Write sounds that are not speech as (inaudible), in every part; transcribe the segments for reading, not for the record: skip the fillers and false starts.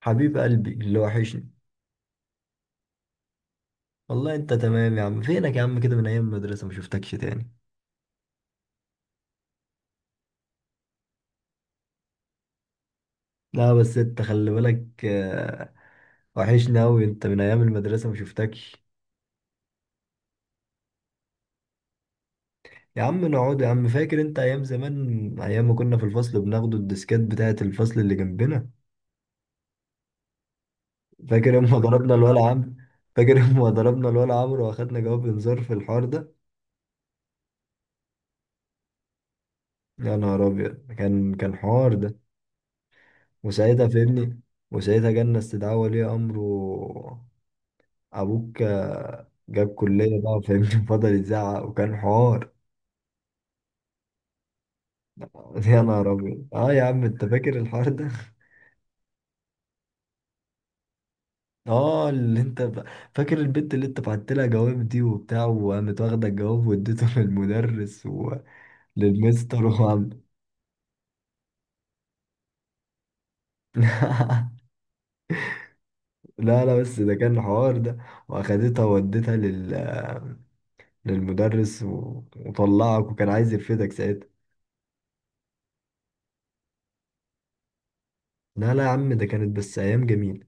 حبيب قلبي اللي وحشني. والله انت تمام يا عم، فينك يا عم كده؟ من ايام المدرسة ما شفتكش تاني. لا بس انت خلي بالك. وحشني اوي انت، من ايام المدرسة ما شفتكش. يا عم نقعد يا عم، فاكر انت ايام زمان، ايام ما كنا في الفصل بناخد الديسكات بتاعة الفصل اللي جنبنا؟ فاكر اما ضربنا الولا عمرو؟ فاكر اما ضربنا الولا عمرو واخدنا جواب انذار في الحوار ده؟ يا نهار ابيض، كان حوار ده. وساعتها فهمني. وساعتها جالنا استدعاء ولي امره. ابوك جاب كلية بقى فاهمني. (laughs) فضل يزعق وكان حوار. يا نهار ابيض، اه يا عم انت فاكر الحوار ده؟ (laughs) اه اللي انت فاكر البنت اللي انت بعت لها جواب دي وبتاع، وقامت واخده الجواب واديته (laughs) للمدرس وللمستر وعم. (laughs) لا لا، بس ده كان حوار ده. واخدتها ووديتها للمدرس وطلعك، وكان عايز يرفدك ساعتها. لا لا يا عم، ده كانت بس ايام جميله.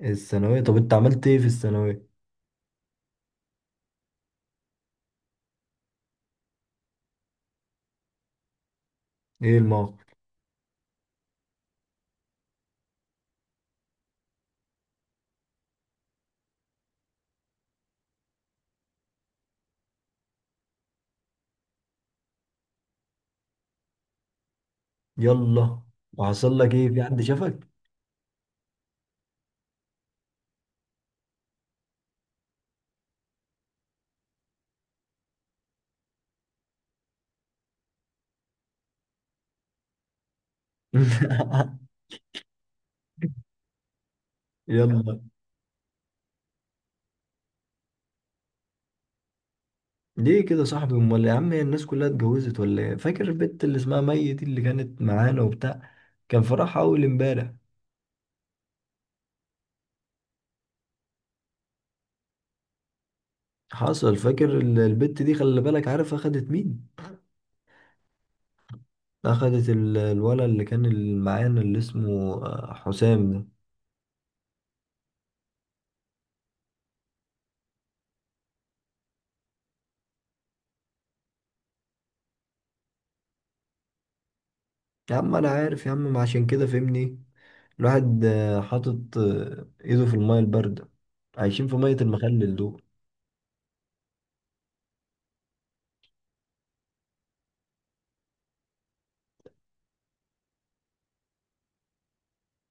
الثانويه، طب انت عملت ايه في الثانويه؟ ايه الموقف؟ يلا. وحصل لك ايه؟ في حد شافك؟ (laughs) يلا. ليه كده يا صاحبي؟ امال يا عم، هي الناس كلها اتجوزت ولا ايه؟ فاكر البت اللي اسمها مي دي اللي كانت معانا وبتاع؟ كان فرحها اول امبارح. حصل. فاكر البت دي؟ خلي بالك، عارف اخدت مين؟ اخدت الولد اللي كان معانا اللي اسمه حسام ده. يا عم انا عارف يا عم، ما عشان كده فهمني. الواحد حاطط ايده في الميه البارده، عايشين في ميه المخلل دول.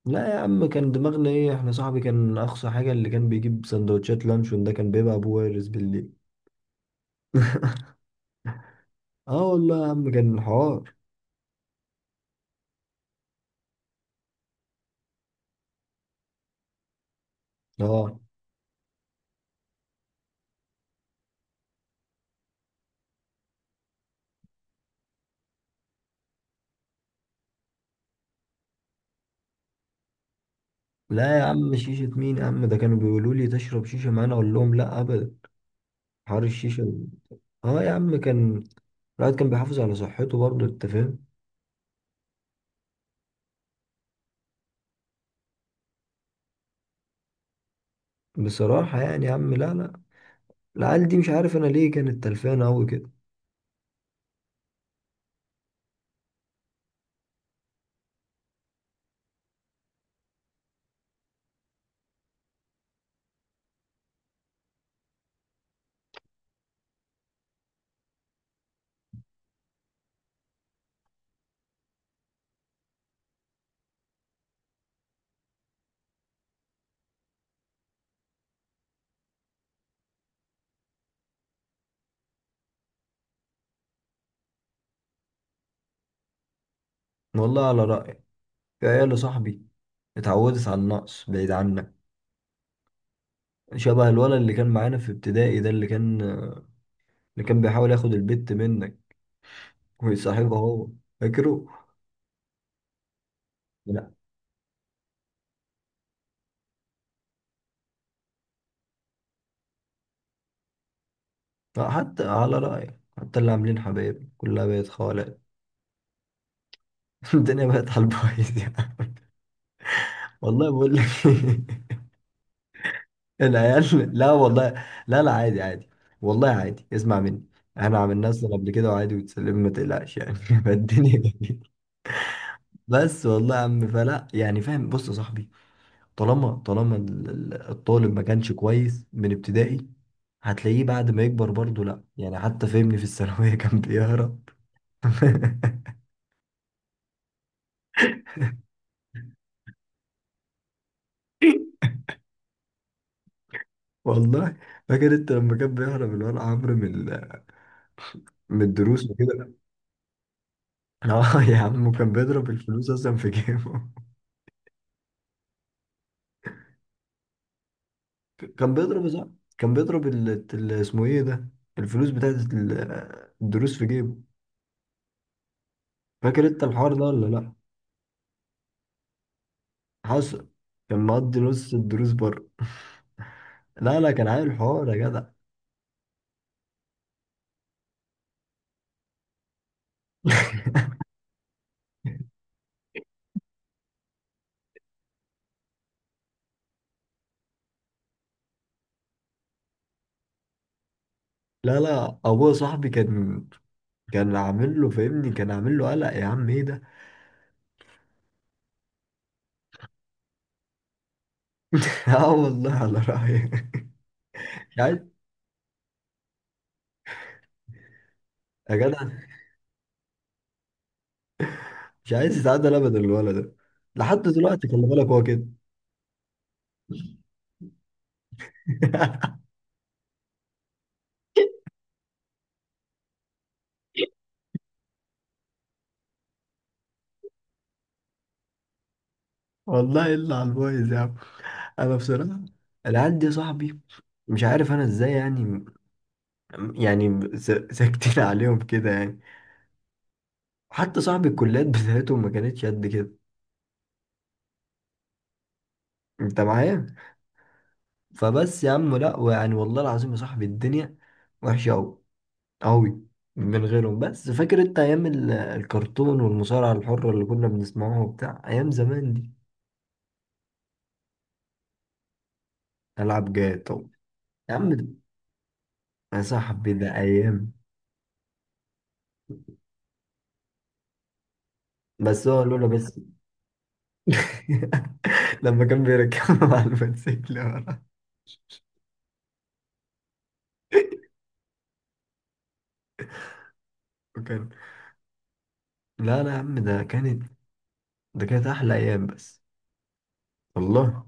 لا يا عم، كان دماغنا ايه؟ احنا صاحبي كان اقصى حاجة اللي كان بيجيب سندوتشات لانشون، ده كان بيبقى ابو وارز بالليل. اه والله يا عم كان حوار. اه. لا يا عم، شيشة مين يا عم؟ ده كانوا بيقولوا لي تشرب شيشة معانا، اقول لهم لا ابدا. حوار الشيشة ده. اه يا عم، كان الواحد كان بيحافظ على صحته برضه، انت فاهم. بصراحة يعني يا عم، لا لا، العيال دي مش عارف انا ليه كانت تلفانة اوي كده. والله على رأيي، في عيال صاحبي اتعودت على النقص بعيد عنك، شبه الولد اللي كان معانا في ابتدائي ده، اللي كان بيحاول ياخد البت منك ويصاحبها هو. فاكره؟ لا. طب حتى على رأيك، حتى اللي عاملين حبايب كلها بقت خالق. (laughs) الدنيا بقت على البايظ يعني. والله بقول لك. (laughs) العيال، لا والله، لا لا، عادي عادي. والله عادي، اسمع مني، احنا عملناه اصلا قبل كده وعادي وتسلم، ما تقلقش يعني. (laughs) فالدنيا جميلة. بس والله يا عم فلا يعني، فاهم؟ بص يا صاحبي، طالما الطالب ما كانش كويس من ابتدائي، هتلاقيه بعد ما يكبر برضه لا يعني. حتى فهمني في الثانوية كان بيهرب. (laughs) والله. فاكر انت لما كان بيهرب الولد عمرو من من الدروس وكده؟ (laughs) اه يا عم، وكان بيضرب الفلوس اصلا في جيبه. (laughs) كان بيضرب صح. كان بيضرب اسمه ايه ده، الفلوس بتاعت الدروس في جيبه. فاكر انت الحوار ده ولا لا؟ حصل. كان مقضي نص الدروس بره. (laughs) لا لا، كان عامل حوار يا جدع. (laughs) لا لا، ابويا صاحبي كان عامل له فاهمني، كان عامل له قلق يا عم ايه ده. (laughs) اه والله على رأيي. (laughs) مش عايز يا جدع، مش عايز يتعدل ابدا الولد ده لحد دلوقتي، خلي بالك هو كده. (laughs) والله الا على البايظ يا عم. انا بصراحه العيال دي يا صاحبي، مش عارف انا ازاي يعني، يعني ساكتين (laughs) عليهم كده يعني. حتى صاحبي الكليات بتاعتهم ما كانتش قد كده، انت معايا؟ فبس يا عم لا، ويعني والله العظيم يا صاحبي الدنيا وحشه قوي قوي من غيرهم. بس فاكر انت ايام الكرتون والمصارعة الحرة اللي كنا بنسمعوها وبتاع ايام زمان دي؟ العب جاتو. يا عم ده، يا صاحبي ده ايام. بس هو لولا بس. (laughs) لما كان بيركب على (laughs) الموتوسيكل ورا. وكان. لا لا يا عم، ده كانت احلى ايام بس. والله.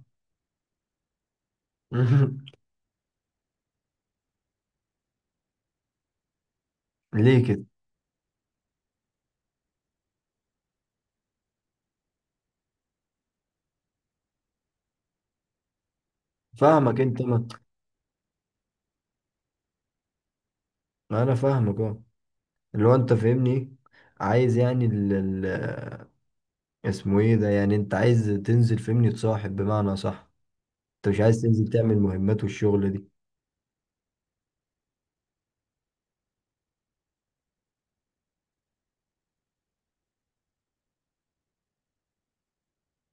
(laughs) ليه كده؟ فاهمك انت، ما ما انا فاهمك اه. اللي هو انت فاهمني إيه؟ عايز يعني اسمه ايه ده يعني، انت عايز تنزل فهمني تصاحب بمعنى صح، انت مش عايز تنزل تعمل مهمات والشغل دي.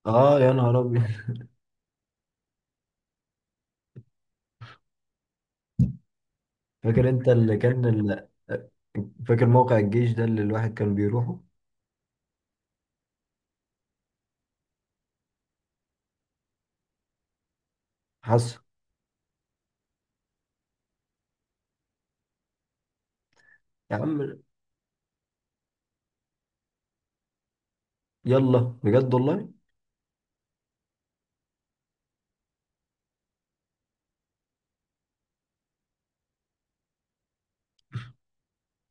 اه يا نهار ابيض. فاكر انت اللي فاكر موقع الجيش ده اللي الواحد كان بيروحه؟ حصل. يا عم. يلا. بجد والله.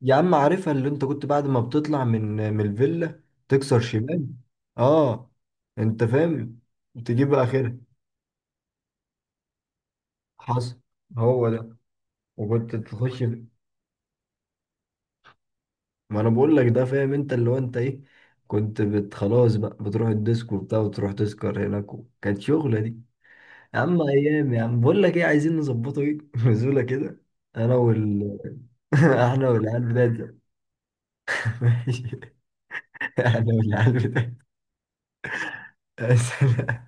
يا عم عارفها، اللي انت كنت بعد ما بتطلع من الفيلا تكسر شمال؟ اه. انت فاهم، تجيب اخرها. حصل. هو ده. وكنت تخش. ما انا بقول لك ده، فاهم انت اللي هو انت ايه، كنت بت خلاص بقى بتروح الديسكو وبتاع وتروح تسكر هناك، كانت شغلة دي. يا عم ايام يا عم، بقول لك ايه عايزين نظبطه ايه، (laughs) نزولة كده. انا وال. (laughs) احنا والعيال بتاعت. (laughs) ماشي. احنا والعيال بتاعت. (laughs)